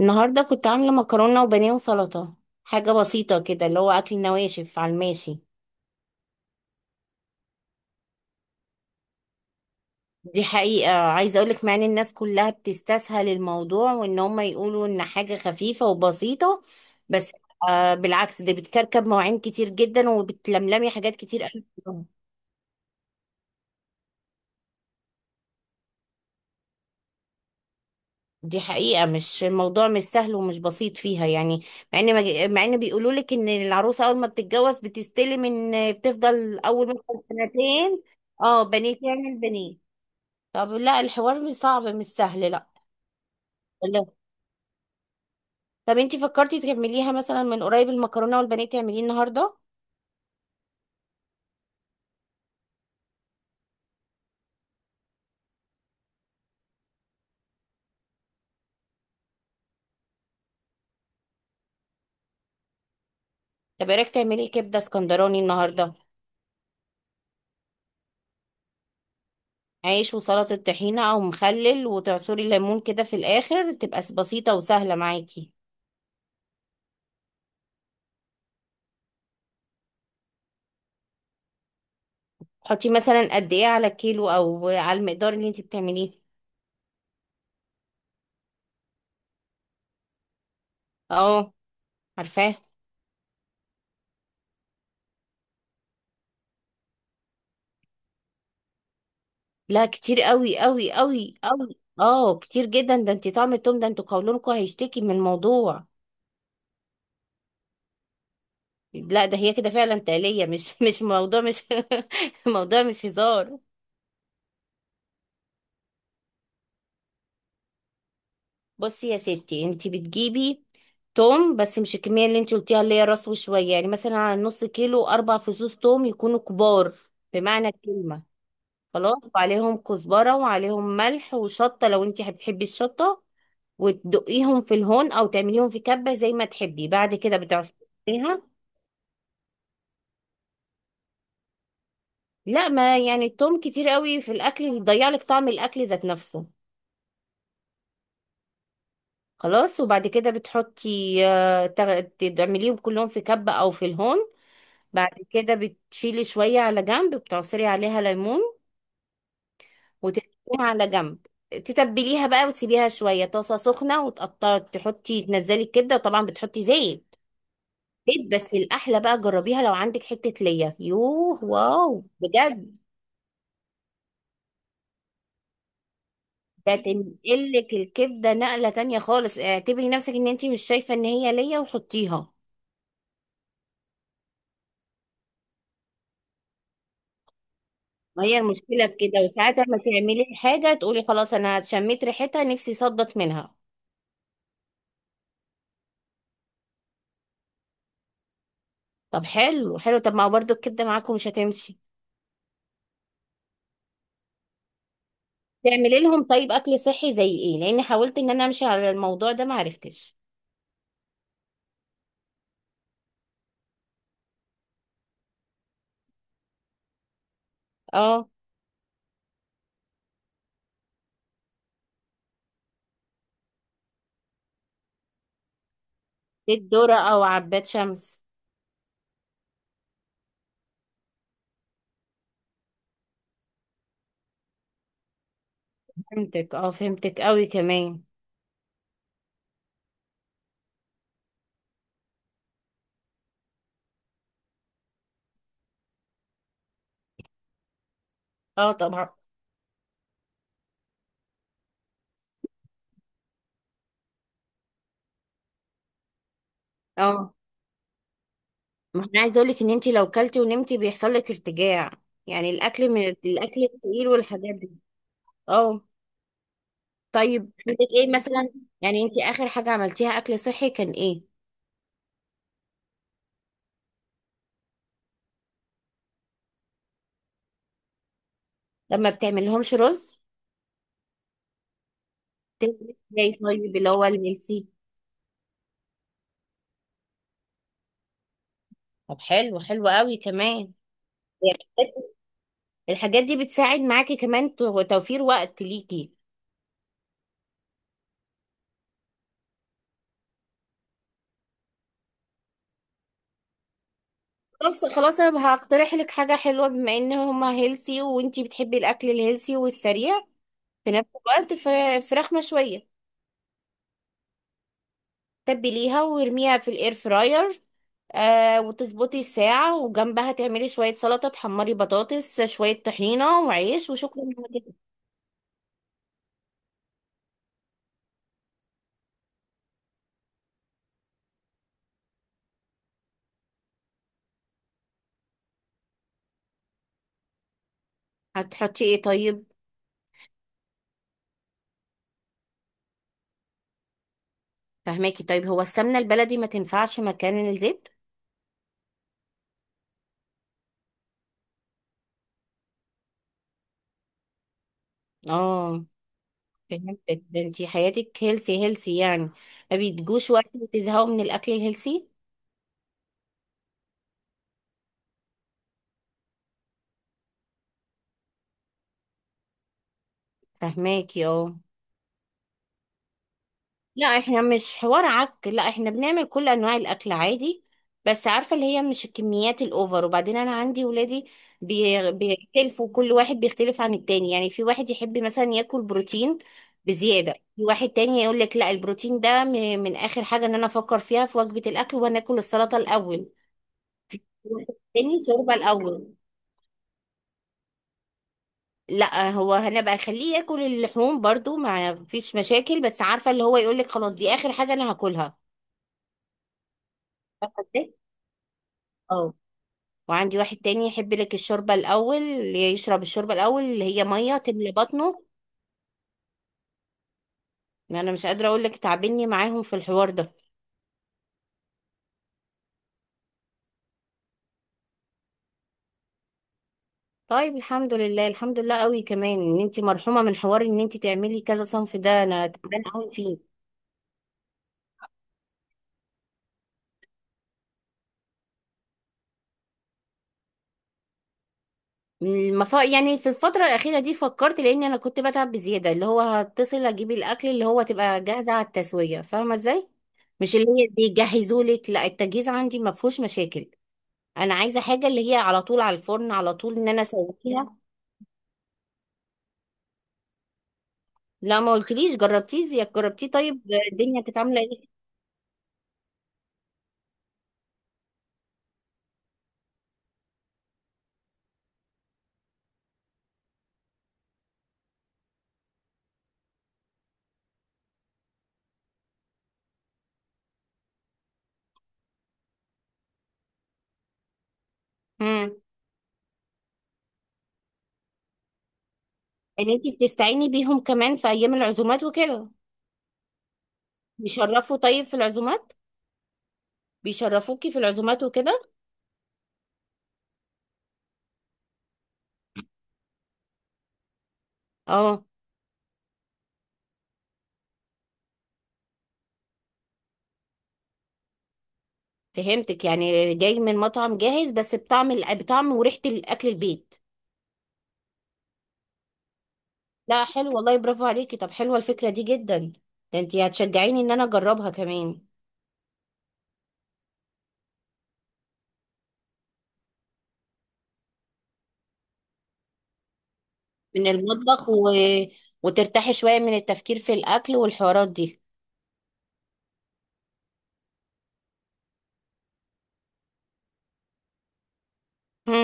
النهارده كنت عامله مكرونه وبانيه وسلطه. حاجه بسيطه كده، اللي هو اكل نواشف على الماشي. دي حقيقه، عايزه اقولك مع ان الناس كلها بتستسهل الموضوع وان هم يقولوا ان حاجه خفيفه وبسيطه، بس آه، بالعكس دي بتكركب مواعين كتير جدا وبتلملمي حاجات كتير قوي في اليوم. دي حقيقه، مش الموضوع مش سهل ومش بسيط فيها يعني. مع ان بيقولوا لك ان العروسه اول ما بتتجوز بتستلم ان بتفضل اول مثلا سنتين. اه، بنيه تعمل بنيه. طب لا، الحوار مش صعب، مش سهل. لا، لا. طب انتي فكرتي تكمليها مثلا من قريب؟ المكرونه والبانيه تعمليه النهارده؟ طب ايه رايك تعملي كبده اسكندراني النهارده؟ عيش وسلطه طحينه او مخلل وتعصري ليمون كده في الاخر، تبقى بسيطه وسهله معاكي. حطي مثلا قد ايه على الكيلو او على المقدار اللي انتي بتعمليه؟ اه، عارفاه. لا، كتير قوي قوي قوي قوي، اه كتير جدا، ده انتي طعم التوم ده انتوا قولونكوا هيشتكي من الموضوع. لا ده هي كده فعلا تقلية، مش مش موضوع، مش موضوع مش هزار. بصي يا ستي، انتي بتجيبي توم بس مش الكمية اللي انتي قلتيها اللي هي راس وشوية، يعني مثلا على نص كيلو أربع فصوص توم يكونوا كبار بمعنى الكلمة. خلاص، وعليهم كزبرة وعليهم ملح وشطة لو انتي بتحبي الشطة، وتدقيهم في الهون أو تعمليهم في كبة زي ما تحبي، بعد كده بتعصريها. لا، ما يعني التوم كتير قوي في الأكل بيضيع لك طعم الأكل ذات نفسه. خلاص، وبعد كده بتحطي تعمليهم كلهم في كبة او في الهون. بعد كده بتشيلي شوية على جنب، بتعصري عليها ليمون وتركيها على جنب. تتبليها بقى وتسيبيها شوية، طاسة سخنة وتقطعي تحطي تنزلي الكبدة، وطبعا بتحطي زيت. زيت، بس الأحلى بقى جربيها لو عندك حتة ليا، يوه واو بجد. ده تنقلك الكبدة نقلة تانية خالص، اعتبري نفسك ان انتي مش شايفة ان هي ليا وحطيها. ما هي المشكلة في كده؟ وساعات لما تعملي حاجة تقولي خلاص أنا شميت ريحتها نفسي صدت منها. طب حلو حلو. طب ما هو برضو الكبدة معاكم مش هتمشي؟ تعملي لهم طيب أكل صحي زي إيه؟ لأني حاولت إن أنا أمشي على الموضوع ده معرفتش. اه، زيت ذرة أو عباد شمس؟ فهمتك، اه فهمتك أوي كمان. اه، طبعا. اه، ما أنا عايزة أقولك إن أنتي لو كلتي ونمتي بيحصل لك ارتجاع، يعني الأكل من الأكل التقيل والحاجات دي. اه، طيب عندك ايه مثلا؟ يعني انت اخر حاجة عملتيها اكل صحي كان ايه؟ لما بتعملهمش رز؟ بتعملي ازاي طيب اللي هو الملسي؟ طب حلو، حلو قوي كمان. يعني الحاجات دي بتساعد معاكي كمان، توفير وقت ليكي؟ بص خلاص، انا هقترح لك حاجة حلوة بما ان هما هيلسي وانتي بتحبي الاكل الهيلسي والسريع في نفس الوقت، فراخ مشوية تبليها وارميها في الاير فراير، آه وتظبطي الساعة وجنبها تعملي شوية سلطة، تحمري بطاطس، شوية طحينة وعيش وشكرا على كده. هتحطي ايه طيب؟ فهماكي. طيب هو السمنة البلدي ما تنفعش مكان الزيت؟ اه فهمتك. ده انتي حياتك هيلسي هيلسي يعني، ما بيتجوش وقت وتزهقوا من الأكل الهيلسي؟ فهماكي، اه. لا، احنا مش حوار عك. لا، احنا بنعمل كل انواع الاكل عادي. بس عارفه اللي هي مش الكميات الاوفر، وبعدين انا عندي ولادي بيختلفوا، كل واحد بيختلف عن التاني، يعني في واحد يحب مثلا ياكل بروتين بزياده، في واحد تاني يقول لك لا، البروتين ده من اخر حاجه ان انا افكر فيها في وجبه الاكل، وناكل السلطه الاول. واحد تاني شوربه الاول. لا، هو هنبقى خليه ياكل اللحوم برضو ما فيش مشاكل، بس عارفه اللي هو يقول لك خلاص دي اخر حاجه انا هاكلها. فاهمة إزاي؟ وعندي واحد تاني يحب لك الشوربة الأول، اللي يشرب الشوربة الأول اللي هي مية تملى بطنه. ما أنا مش قادرة أقول لك، تعبني معاهم في الحوار ده. طيب الحمد لله، الحمد لله قوي كمان إن أنت مرحومة من حوار إن أنت تعملي كذا صنف، ده أنا تعبانة قوي فيه. يعني في الفترة الأخيرة دي فكرت لأن أنا كنت بتعب بزيادة، اللي هو هتصل أجيب الأكل اللي هو تبقى جاهزة على التسوية. فاهمة إزاي؟ مش اللي هي بيجهزوا لك، لا التجهيز عندي ما فيهوش مشاكل. انا عايزه حاجه اللي هي على طول على الفرن، على طول ان انا اسويها. لا ما قلتليش. جربتيه زيك؟ جربتيه طيب؟ الدنيا كانت عامله ايه؟ امم. ان انتي بتستعيني بيهم كمان في ايام العزومات وكده؟ بيشرفوا طيب في العزومات؟ بيشرفوكي في العزومات وكده؟ اه فهمتك، يعني جاي من مطعم جاهز بس بطعم بطعم وريحه الاكل البيت. لا حلو والله، برافو عليكي. طب حلوه الفكره دي جدا. ده انتي هتشجعيني ان انا اجربها كمان. من المطبخ، وترتاحي شويه من التفكير في الاكل والحوارات دي.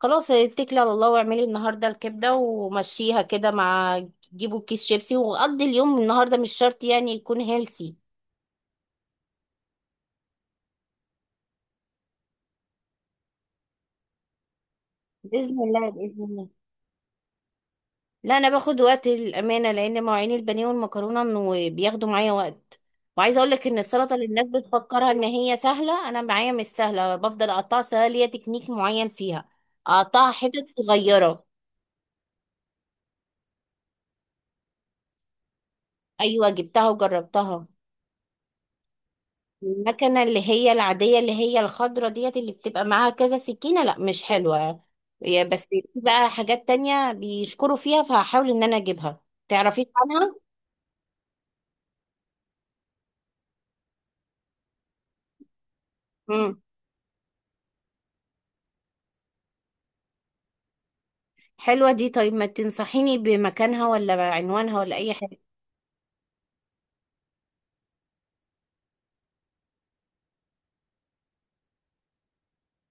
خلاص اتكلي على الله واعملي النهارده الكبده ومشيها كده، مع جيبوا كيس شيبسي وقضي اليوم. النهارده مش شرط يعني يكون هيلسي. باذن الله، باذن الله. لا انا باخد وقت الامانه، لان مواعين البانيه والمكرونه انه بياخدوا معايا وقت. وعايزه اقول لك ان السلطه اللي الناس بتفكرها ان هي سهله، انا معايا مش سهله، بفضل اقطعها، سهله ليا تكنيك معين فيها، اقطعها حتت صغيره. ايوه جبتها وجربتها. المكنة اللي هي العادية اللي هي الخضرة ديت اللي بتبقى معاها كذا سكينة، لا مش حلوة. يا بس في بقى حاجات تانية بيشكروا فيها فهحاول ان انا اجيبها. تعرفي عنها؟ امم. حلوة دي. طيب ما تنصحيني بمكانها ولا عنوانها ولا اي حاجة؟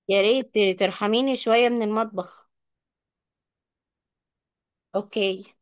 يا ريت ترحميني شوية من المطبخ. اوكي.